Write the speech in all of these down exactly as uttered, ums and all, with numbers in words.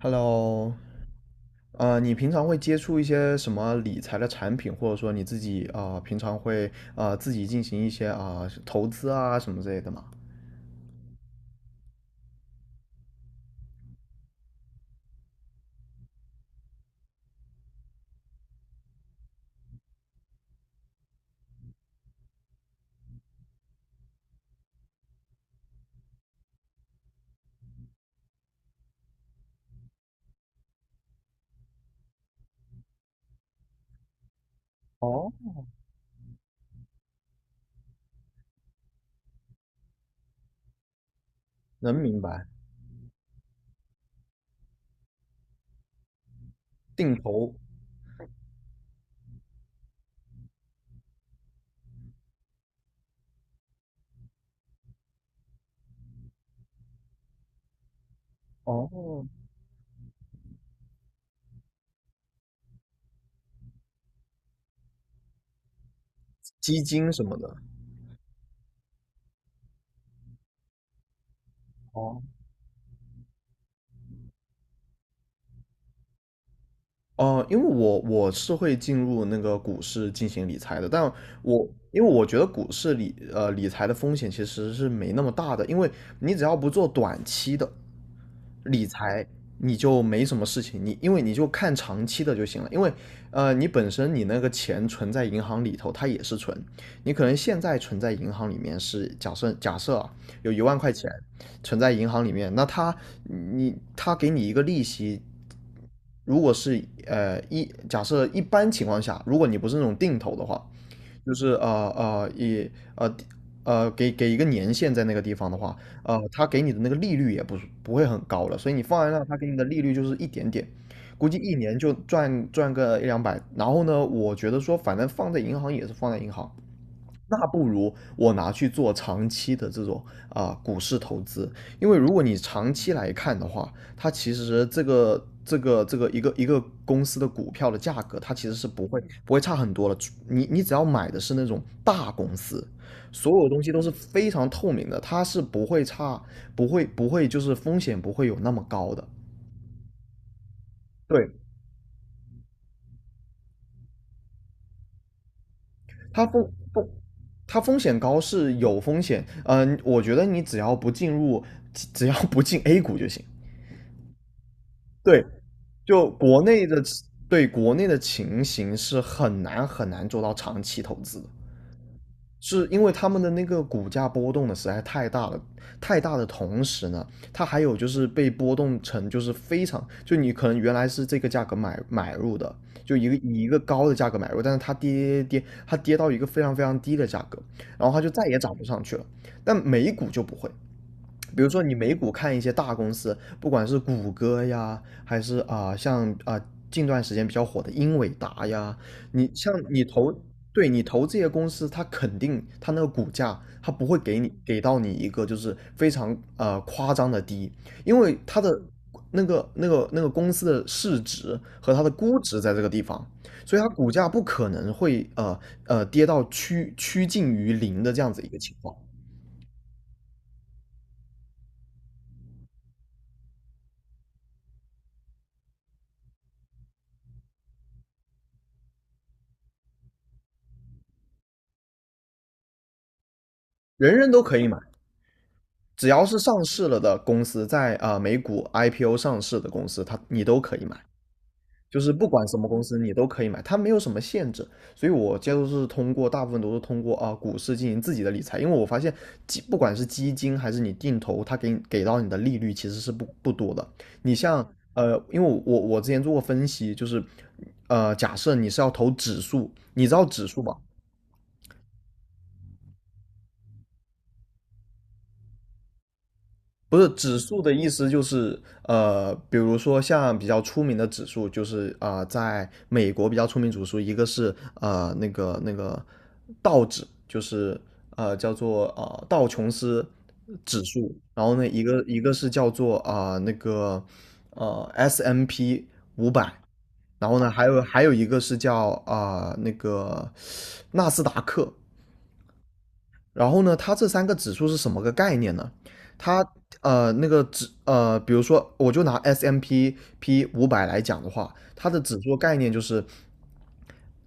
Hello，呃，你平常会接触一些什么理财的产品，或者说你自己啊，呃平常会啊，呃自己进行一些啊，呃投资啊什么之类的吗？哦。能明白。定投。哦，基金什么的。哦。哦，因为我我是会进入那个股市进行理财的，但我因为我觉得股市理呃理财的风险其实是没那么大的，因为你只要不做短期的理财，你就没什么事情，你因为你就看长期的就行了，因为呃你本身你那个钱存在银行里头，它也是存，你可能现在存在银行里面是假设假设啊有一万块钱，存在银行里面，那他你他给你一个利息，如果是呃一假设一般情况下，如果你不是那种定投的话，就是呃呃一呃呃呃给给一个年限在那个地方的话，呃，他给你的那个利率也不是不会很高了，所以你放在那，他给你的利率就是一点点，估计一年就赚赚个一两百。然后呢，我觉得说反正放在银行也是放在银行，那不如我拿去做长期的这种啊、呃股市投资，因为如果你长期来看的话，它其实这个这个这个一个一个公司的股票的价格，它其实是不会不会差很多了。你你只要买的是那种大公司，所有东西都是非常透明的，它是不会差，不会不会就是风险不会有那么高的。对，它风风它风险高是有风险，嗯、呃我觉得你只要不进入，只要不进 A 股就行。对，就国内的对国内的情形是很难很难做到长期投资的，是因为他们的那个股价波动的实在太大了，太大的同时呢，它还有就是被波动成就是非常，就你可能原来是这个价格买买入的，就一个以一个高的价格买入，但是它跌跌跌，它跌到一个非常非常低的价格，然后它就再也涨不上去了。但美股就不会，比如说你美股看一些大公司，不管是谷歌呀，还是啊、像啊、近段时间比较火的英伟达呀，你像你投，对你投这些公司，它肯定它那个股价，它不会给你给到你一个就是非常呃夸张的低，因为它的那个那个那个公司的市值和它的估值在这个地方，所以它股价不可能会呃呃跌到趋趋近于零的这样子一个情况。人人都可以买。只要是上市了的公司，在啊、呃美股 I P O 上市的公司，它你都可以买，就是不管什么公司你都可以买，它没有什么限制。所以我接触是通过大部分都是通过啊、呃股市进行自己的理财，因为我发现基不管是基金还是你定投，它给你给到你的利率其实是不不多的。你像呃，因为我我之前做过分析，就是呃，假设你是要投指数，你知道指数吧？不是指数的意思，就是呃，比如说像比较出名的指数，就是啊、呃在美国比较出名指数，一个是呃那个那个道指，就是呃叫做呃道琼斯指数，然后呢一个一个是叫做啊、呃那个呃 S M P 五百，然后呢还有还有一个是叫啊、呃那个纳斯达克，然后呢，它这三个指数是什么个概念呢？它呃那个指呃，比如说我就拿 S M P P 五百来讲的话，它的指数概念就是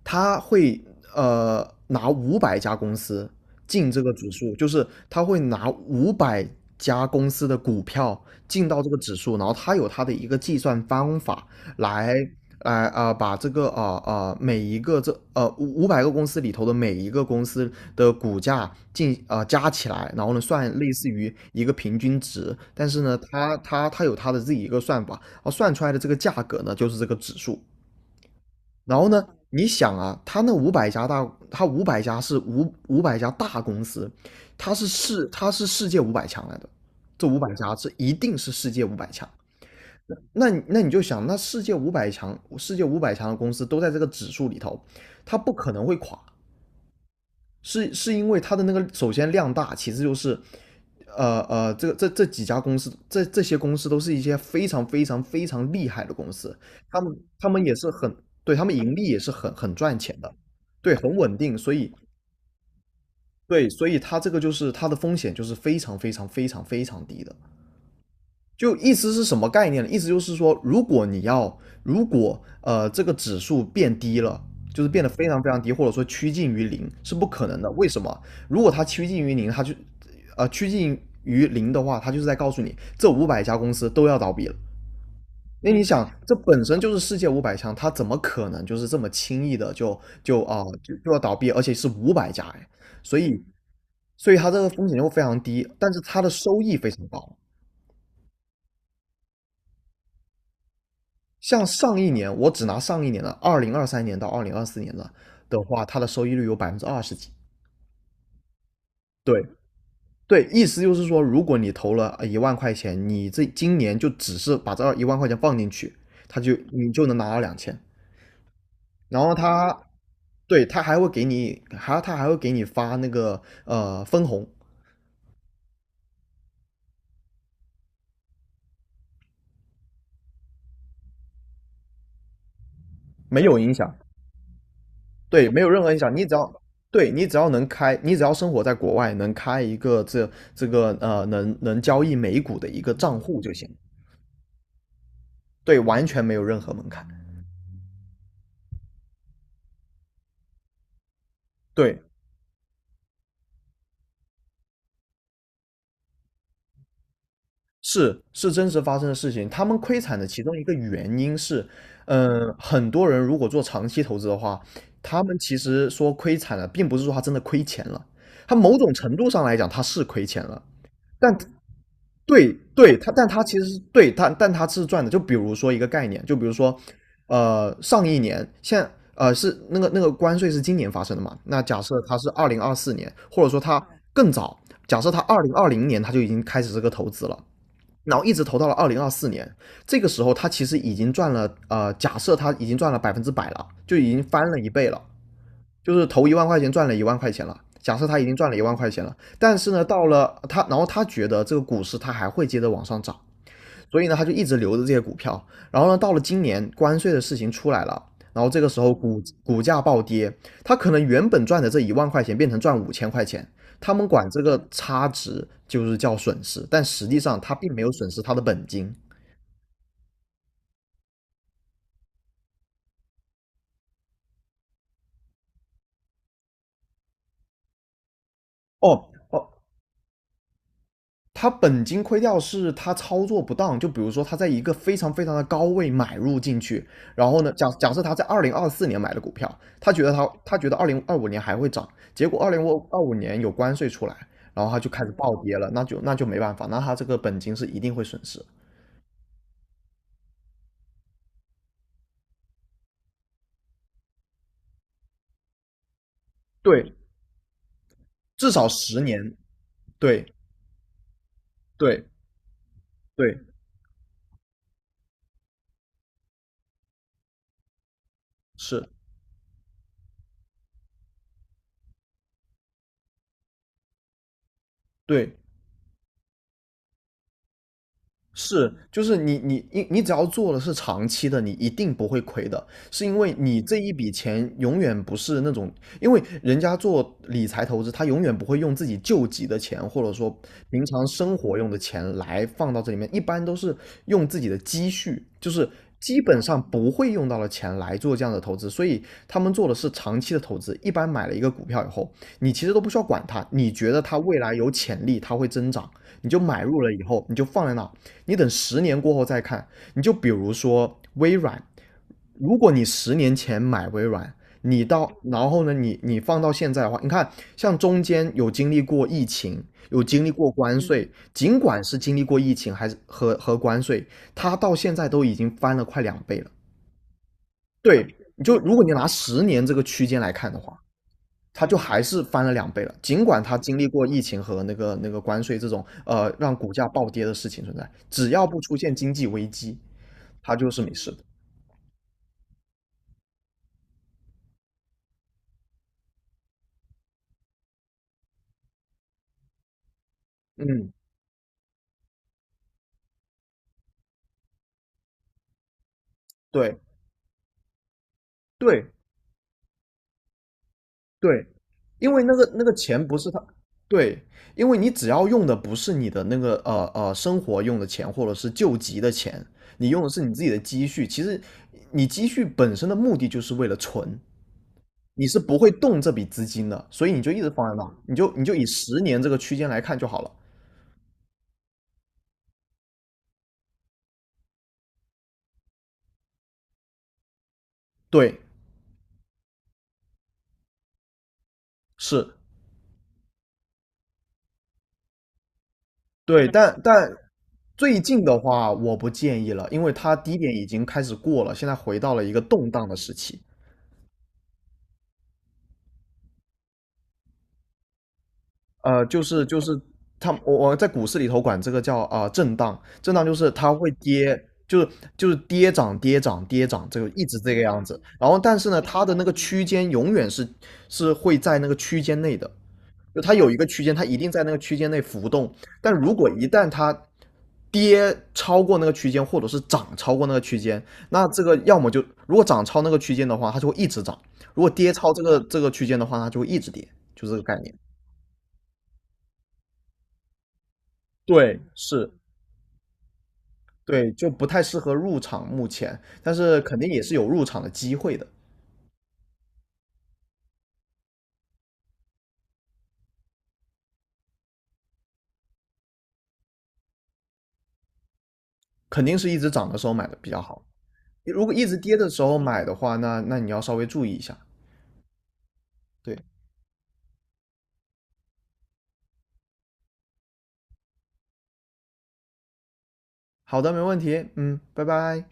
他会呃拿五百家公司进这个指数，就是他会拿五百家公司的股票进到这个指数，然后他有他的一个计算方法来来啊、呃把这个啊啊、呃呃每一个这呃五五百个公司里头的每一个公司的股价进啊、呃加起来，然后呢算类似于一个平均值，但是呢他他他有他的自己一个算法，然后算出来的这个价格呢就是这个指数。然后呢，你想啊，他那五百家大，他五百家是五五百家大公司，他是世他是世界五百强来的，这五百家这一定是世界五百强。那你那你就想，那世界五百强，世界五百强的公司都在这个指数里头，它不可能会垮。是是因为它的那个首先量大，其次就是，呃呃，这个这这几家公司，这这些公司都是一些非常非常非常厉害的公司，他们他们也是很，对，他们盈利也是很很赚钱的，对，很稳定，所以对，所以它这个就是它的风险就是非常非常非常非常低的，就意思是什么概念呢？意思就是说，如果你要，如果呃这个指数变低了，就是变得非常非常低，或者说趋近于零，是不可能的。为什么？如果它趋近于零，它就呃趋近于零的话，它就是在告诉你，这五百家公司都要倒闭了。那你想，这本身就是世界五百强，它怎么可能就是这么轻易的就就啊、呃就就要倒闭？而且是五百家哎，所以所以它这个风险就非常低，但是它的收益非常高。像上一年，我只拿上一年的二零二三年到二零二四年的的话，它的收益率有百分之二十几。对对，意思就是说，如果你投了一万块钱，你这今年就只是把这一万块钱放进去，它就你就能拿到两千。然后它，对，它还会给你，还它还会给你发那个呃分红，没有影响，对，没有任何影响，你只要。对你只要能开，你只要生活在国外，能开一个这这个呃能能交易美股的一个账户就行。对，完全没有任何门槛。对，是是真实发生的事情。他们亏惨的其中一个原因是，嗯、很多人如果做长期投资的话，他们其实说亏惨了，并不是说他真的亏钱了，他某种程度上来讲他是亏钱了，但对对，它但它其实是对它，但它是赚的。就比如说一个概念，就比如说，呃，上一年现呃是那个那个关税是今年发生的嘛？那假设它是二零二四年，或者说它更早，假设它二零二零年它就已经开始这个投资了，然后一直投到了二零二四年，这个时候它其实已经赚了呃，假设它已经赚了百分之百了，就已经翻了一倍了。就是投一万块钱赚了一万块钱了。假设他已经赚了一万块钱了，但是呢，到了他，然后他觉得这个股市他还会接着往上涨，所以呢，他就一直留着这些股票。然后呢，到了今年关税的事情出来了，然后这个时候股股价暴跌，他可能原本赚的这一万块钱变成赚五千块钱，他们管这个差值就是叫损失，但实际上他并没有损失他的本金。哦哦，他本金亏掉是他操作不当，就比如说他在一个非常非常的高位买入进去，然后呢，假假设他在二零二四年买的股票，他觉得他他觉得二零二五年还会涨，结果二零二五年有关税出来，然后他就开始暴跌了，那就那就没办法，那他这个本金是一定会损失。对，至少十年。对对对，是，对是，就是你你你你只要做的是长期的，你一定不会亏的，是因为你这一笔钱永远不是那种，因为人家做理财投资，他永远不会用自己救急的钱，或者说平常生活用的钱来放到这里面，一般都是用自己的积蓄，就是基本上不会用到的钱来做这样的投资，所以他们做的是长期的投资。一般买了一个股票以后，你其实都不需要管它，你觉得它未来有潜力，它会增长，你就买入了以后，你就放在那，你等十年过后再看，你就比如说微软，如果你十年前买微软，你到然后呢，你你放到现在的话，你看像中间有经历过疫情，有经历过关税，尽管是经历过疫情还是和和关税，它到现在都已经翻了快两倍了。对，你就如果你拿十年这个区间来看的话，它就还是翻了两倍了。尽管它经历过疫情和那个那个关税这种呃让股价暴跌的事情存在，只要不出现经济危机，它就是没事的。嗯，对对对，因为那个那个钱不是他，对，因为你只要用的不是你的那个呃呃生活用的钱或者是救急的钱，你用的是你自己的积蓄。其实你积蓄本身的目的就是为了存，你是不会动这笔资金的，所以你就一直放在那，你就你就以十年这个区间来看就好了。对，是，对，但但最近的话，我不建议了，因为它低点已经开始过了，现在回到了一个动荡的时期。呃，就是就是它，我我在股市里头管这个叫啊、呃震荡，震荡就是它会跌，就是就是跌涨跌涨跌涨，这个一直这个样子。然后但是呢，它的那个区间永远是是会在那个区间内的，就它有一个区间，它一定在那个区间内浮动。但如果一旦它跌超过那个区间，或者是涨超过那个区间，那这个要么就如果涨超那个区间的话，它就会一直涨；如果跌超这个这个区间的话，它就会一直跌，就这个概念。对，是，对，就不太适合入场目前，但是肯定也是有入场的机会的，肯定是一直涨的时候买的比较好。如果一直跌的时候买的话，那那你要稍微注意一下。对，好的，没问题，嗯，拜拜。